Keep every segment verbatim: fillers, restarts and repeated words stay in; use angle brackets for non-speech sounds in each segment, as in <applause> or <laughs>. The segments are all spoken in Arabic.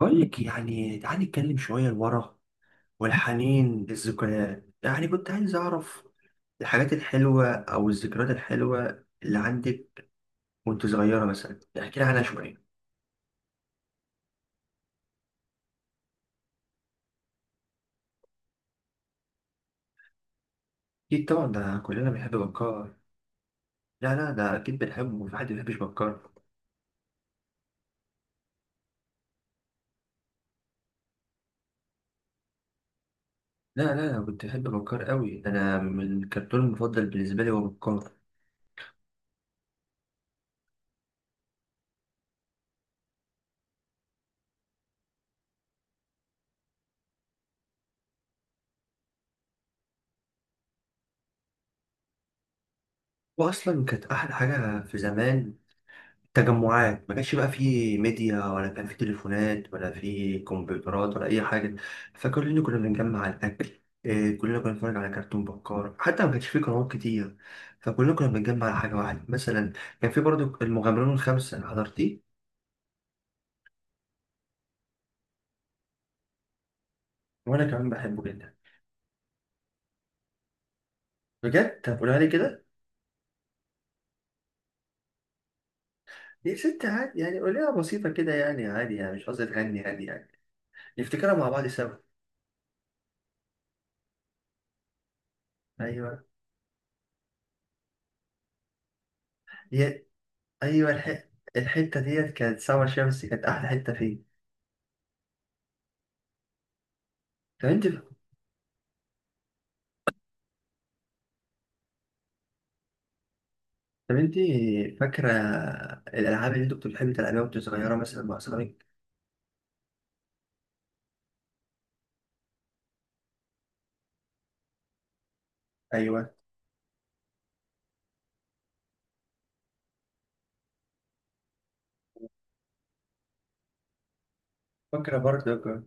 بقول لك يعني تعالي نتكلم شوية لورا، والحنين للذكريات. يعني كنت عايز أعرف الحاجات الحلوة أو الذكريات الحلوة اللي عندك وأنت صغيرة، مثلا احكي لي عنها شوية. أكيد طبعا، ده كلنا بنحب بكار. لا لا، ده أكيد بنحبه وفي حد ما بيحبش بكار. لا لا، أنا كنت بحب بكار قوي، أنا من الكرتون المفضل بالنسبة لي هو بكار. وأصلا كانت أحلى حاجة في زمان تجمعات، ما كانش بقى فيه ميديا ولا كان فيه تليفونات ولا فيه كمبيوترات ولا اي حاجه، فكلنا كنا بنجمع الاكل إيه، كلنا كنا بنتفرج على كرتون بكار، حتى ما كانش فيه قنوات كتير فكلنا كنا بنجمع على حاجه واحده. مثلا كان فيه برضو المغامرون الخمسه، حضرتيه؟ وانا كمان بحبه جدا. بجد؟ طب قولها لي كده. يا ست عادي يعني، قولها بسيطه كده يعني، عادي يعني، مش قصدي تغني، يعني يعني نفتكرها مع بعض سوا. ايوه. يا ايوه الح... الحته ديت كانت سما شمسي، كانت احلى حته فيه. طب انت طب انت فاكرة الألعاب اللي انتوا كنتوا بتحبوا تلعبيها وانتوا صغيرة مثلا مع أصحابك؟ أيوه فاكرة برضه.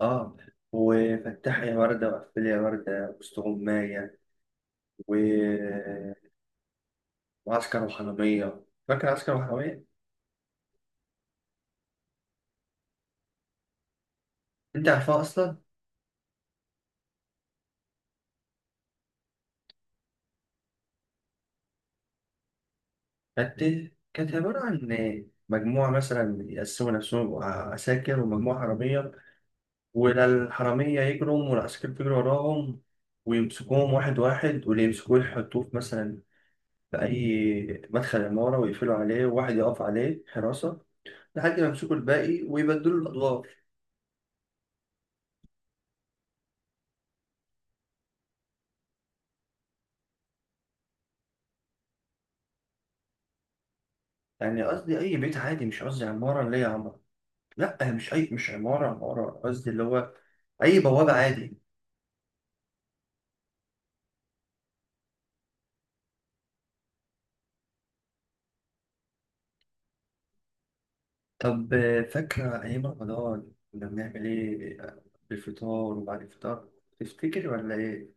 اه، وفتحي يا وردة وقفلي يا وردة، وسط غماية، و... وعسكر وحرامية. فاكرة عسكر وحرامية؟ انت عارفاها أصلا؟ كانت كانت عبارة عن مجموعة، مثلا يقسموا نفسهم يبقوا عساكر ومجموعة حرامية، ولا الحرامية يجروا والعساكر بيجروا وراهم ويمسكوهم واحد واحد، واللي يمسكوه يحطوه في مثلا في أي مدخل عمارة ويقفلوا عليه وواحد يقف عليه حراسة لحد ما يمسكوا الباقي ويبدلوا الأدوار. يعني قصدي أي بيت عادي، مش قصدي عمارة اللي هي عمارة. لأ، مش أي مش عمارة عمارة قصدي، اللي هو أي بوابة عادي. طب آه، فاكرة أيام رمضان كنا بنعمل إيه بالفطار وبعد الفطار؟ تفتكر ولا إيه؟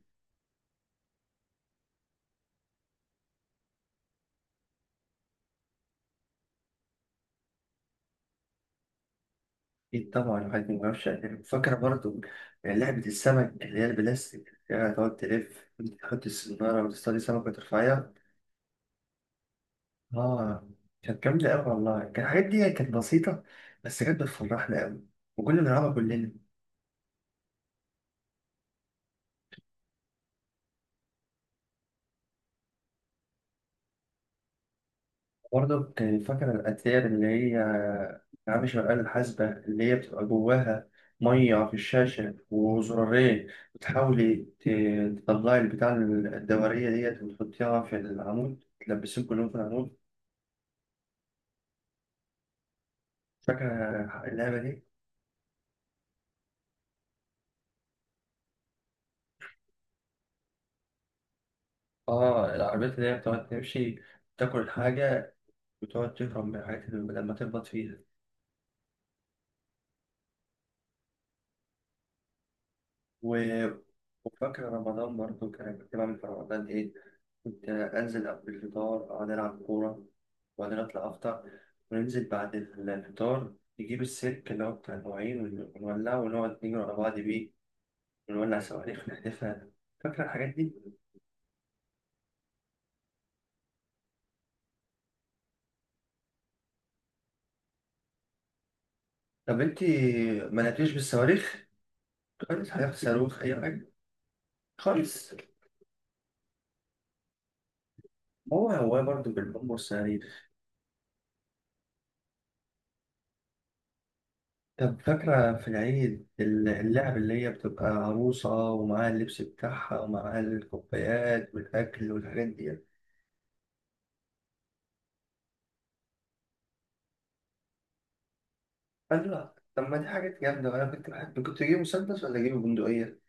أكيد طبعا، الواحد ما يعرفش يعني. فاكرة برضه لعبة السمك اللي هي البلاستيك اللي هي تقعد تلف، تحط السنارة وتصطاد سمكة وترفعها. اه، كانت جامدة أوي والله. كان الحاجات دي كانت بسيطة بس كانت بتفرحنا أوي، وكنا بنلعبها كلنا. برضه كان فاكر الأتاري اللي هي ألعاب شغال الحاسبة، اللي هي بتبقى جواها مية في الشاشة وزرارين، وتحاولي ت- تطلعي البتاع الدورية ديت وتحطيها في العمود، تلبسيهم كلهم في العمود. فاكرة اللعبة دي؟ آه، العربيات اللي هي بتقعد تمشي تاكل الحاجة وتقعد تهرب من الحاجات اللي لما تخبط فيها. و- وفاكر رمضان برضه. كان كنت بعمل في رمضان إيه؟ كنت أنزل قبل الفطار أقعد ألعب كورة، وبعدين أطلع أفطر، وننزل بعد الفطار نجيب السلك اللي هو بتاع المواعين ون- ونولعه ونقعد نجري ورا بعض بيه، ونولع صواريخ نحدفها. فاكرة الحاجات دي؟ طب أنت ما لعبتيش بالصواريخ؟ خالص؟ حاجة صاروخ أي حاجة، خالص؟ هو هو برضه بالبوم والصواريخ. طب فاكرة في العيد اللعب اللي هي بتبقى عروسة ومعاها اللبس بتاعها ومعاها الكوبايات والأكل والحاجات دي؟ قال لا، طب ما دي حاجات جامدة. وأنا كنت بحب، كنت أجيب مسدس ولا أجيب بندقية؟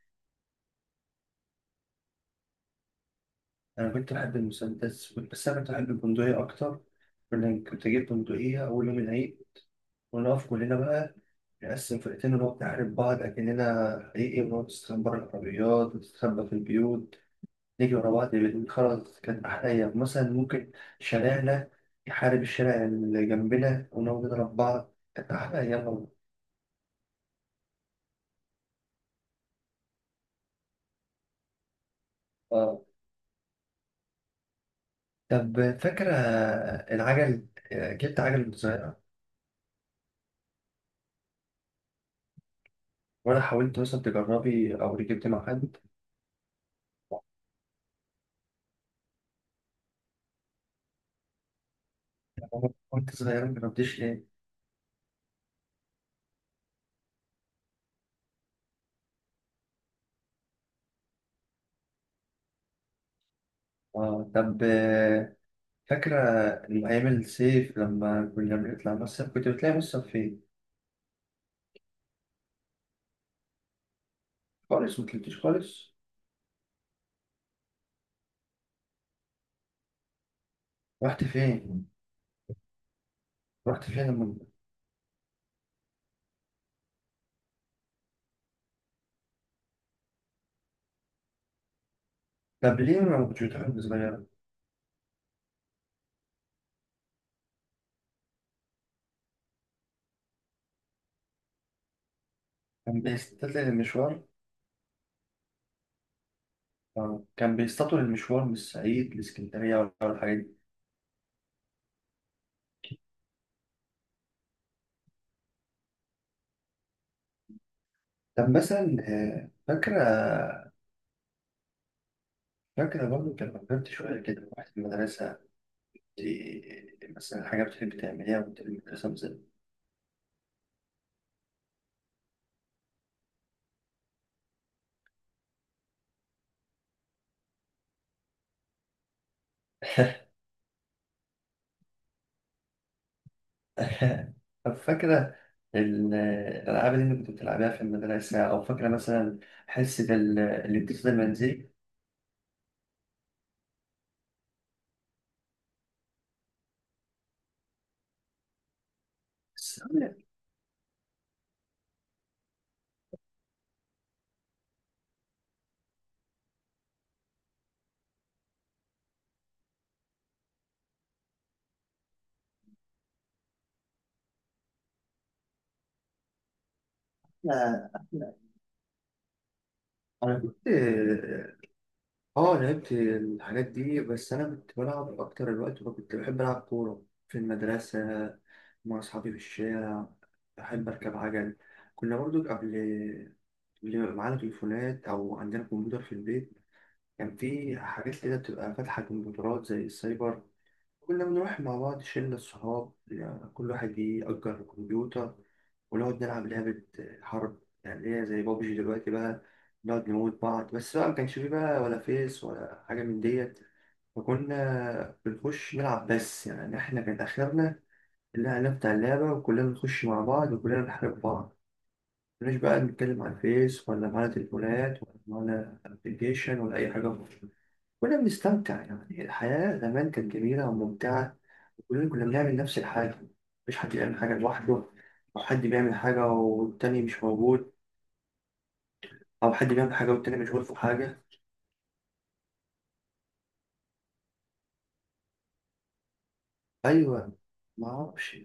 أنا كنت بحب المسدس، بس أنا كنت بحب البندقية أكتر، لأن كنت أجيب بندقية أول يوم العيد ونقف كلنا بقى، نقسم فرقتين ونقعد نحارب بعض أكننا حقيقي، ونقعد نستخبى بره العربيات ونستخبى في البيوت، نيجي ورا بعض. بنقول خلاص كانت أحلى أيام. مثلا ممكن شارعنا يحارب الشارع اللي جنبنا ونقعد نضرب بعض، كانت أحلى أيام والله. آه طب فاكرة العجل؟ آه، جبت عجل صغيرة؟ ولا حاولت مثلا تجربي أو ركبت مع حد؟ كنت صغيرة ما جربتش ليه؟ آه طب آه، فاكرة أيام الصيف لما كنا بنطلع مصيف؟ كنت بتلاقي مصيف فين؟ خالص؟ ما طلعتش خالص؟ رحت فين؟ رحت فين لما؟ طب ليه ما كنتش بتحب صغيرة؟ كان بيستطيل المشوار؟ آه، كان بيستطول المشوار من الصعيد لإسكندرية؟ ولا ولا الحاجات دي؟ طب مثلا آه، فاكرة، فاكرة برضه كان لما كبرت شوية كده رحت المدرسة، دي مثلا حاجة بتحب تعمليها وأنت في المدرسة مثلا؟ <laughs> طب فاكرة ال- الألعاب اللي أنت كنت بتلعبها في المدرسة؟ أو فاكرة مثلا حصة ال- الاتصال المنزلي؟ بس أنا، أنا- أنا كنت، اه لعبت الحاجات دي، بس انا كنت بلعب اكتر. الوقت كنت بحب العب كوره في المدرسه، مع اصحابي في الشارع، بحب اركب عجل. كنا برضو قبل اللي معانا تليفونات او عندنا كمبيوتر في البيت، كان في حاجات كده بتبقى فاتحه كمبيوترات زي السايبر، كنا بنروح مع بعض شله الصحاب، يعني كل واحد يأجر كمبيوتر ونقعد نلعب لعبة حرب، يعني اللي هي زي بابجي دلوقتي بقى، نقعد نموت بعض. بس بقى ما كانش فيه بقى ولا فيس ولا حاجة من ديت، فكنا بنخش نلعب بس. يعني احنا كان آخرنا الإعلان بتاع اللعبة وكلنا نخش مع بعض وكلنا نحارب بعض، مش بقى نتكلم على الفيس ولا معانا تليفونات ولا معانا ابلكيشن ولا أي حاجة. كنا بنستمتع، يعني الحياة زمان كانت جميلة وممتعة، وكلنا كنا بنعمل نفس الحاجة، مفيش حد بيعمل حاجة لوحده، أو حد بيعمل حاجة والتاني مش موجود، أو حد بيعمل حاجة والتاني مشغول في حاجة. أيوة. ما أعرفش.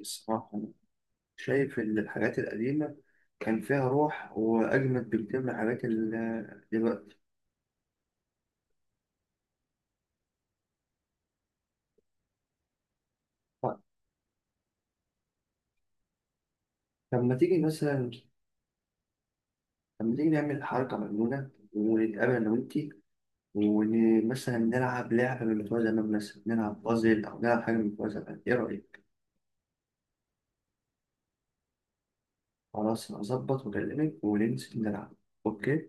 الصراحة أنا شايف إن الحاجات القديمة كان فيها روح وأجمد بكتير من الحاجات ال- دلوقتي. طيب، طب لما تيجي مثلا، لما تيجي نعمل حركة مجنونة ونتقابل أنا وأنتي، ومثلا نلعب لعبة من بتوع زمان، مثلا نلعب بازل أو نلعب حاجة من بتوع زمان، إيه رأيك؟ خلاص أنا هظبط وأكلمك وننزل نلعب. أوكي؟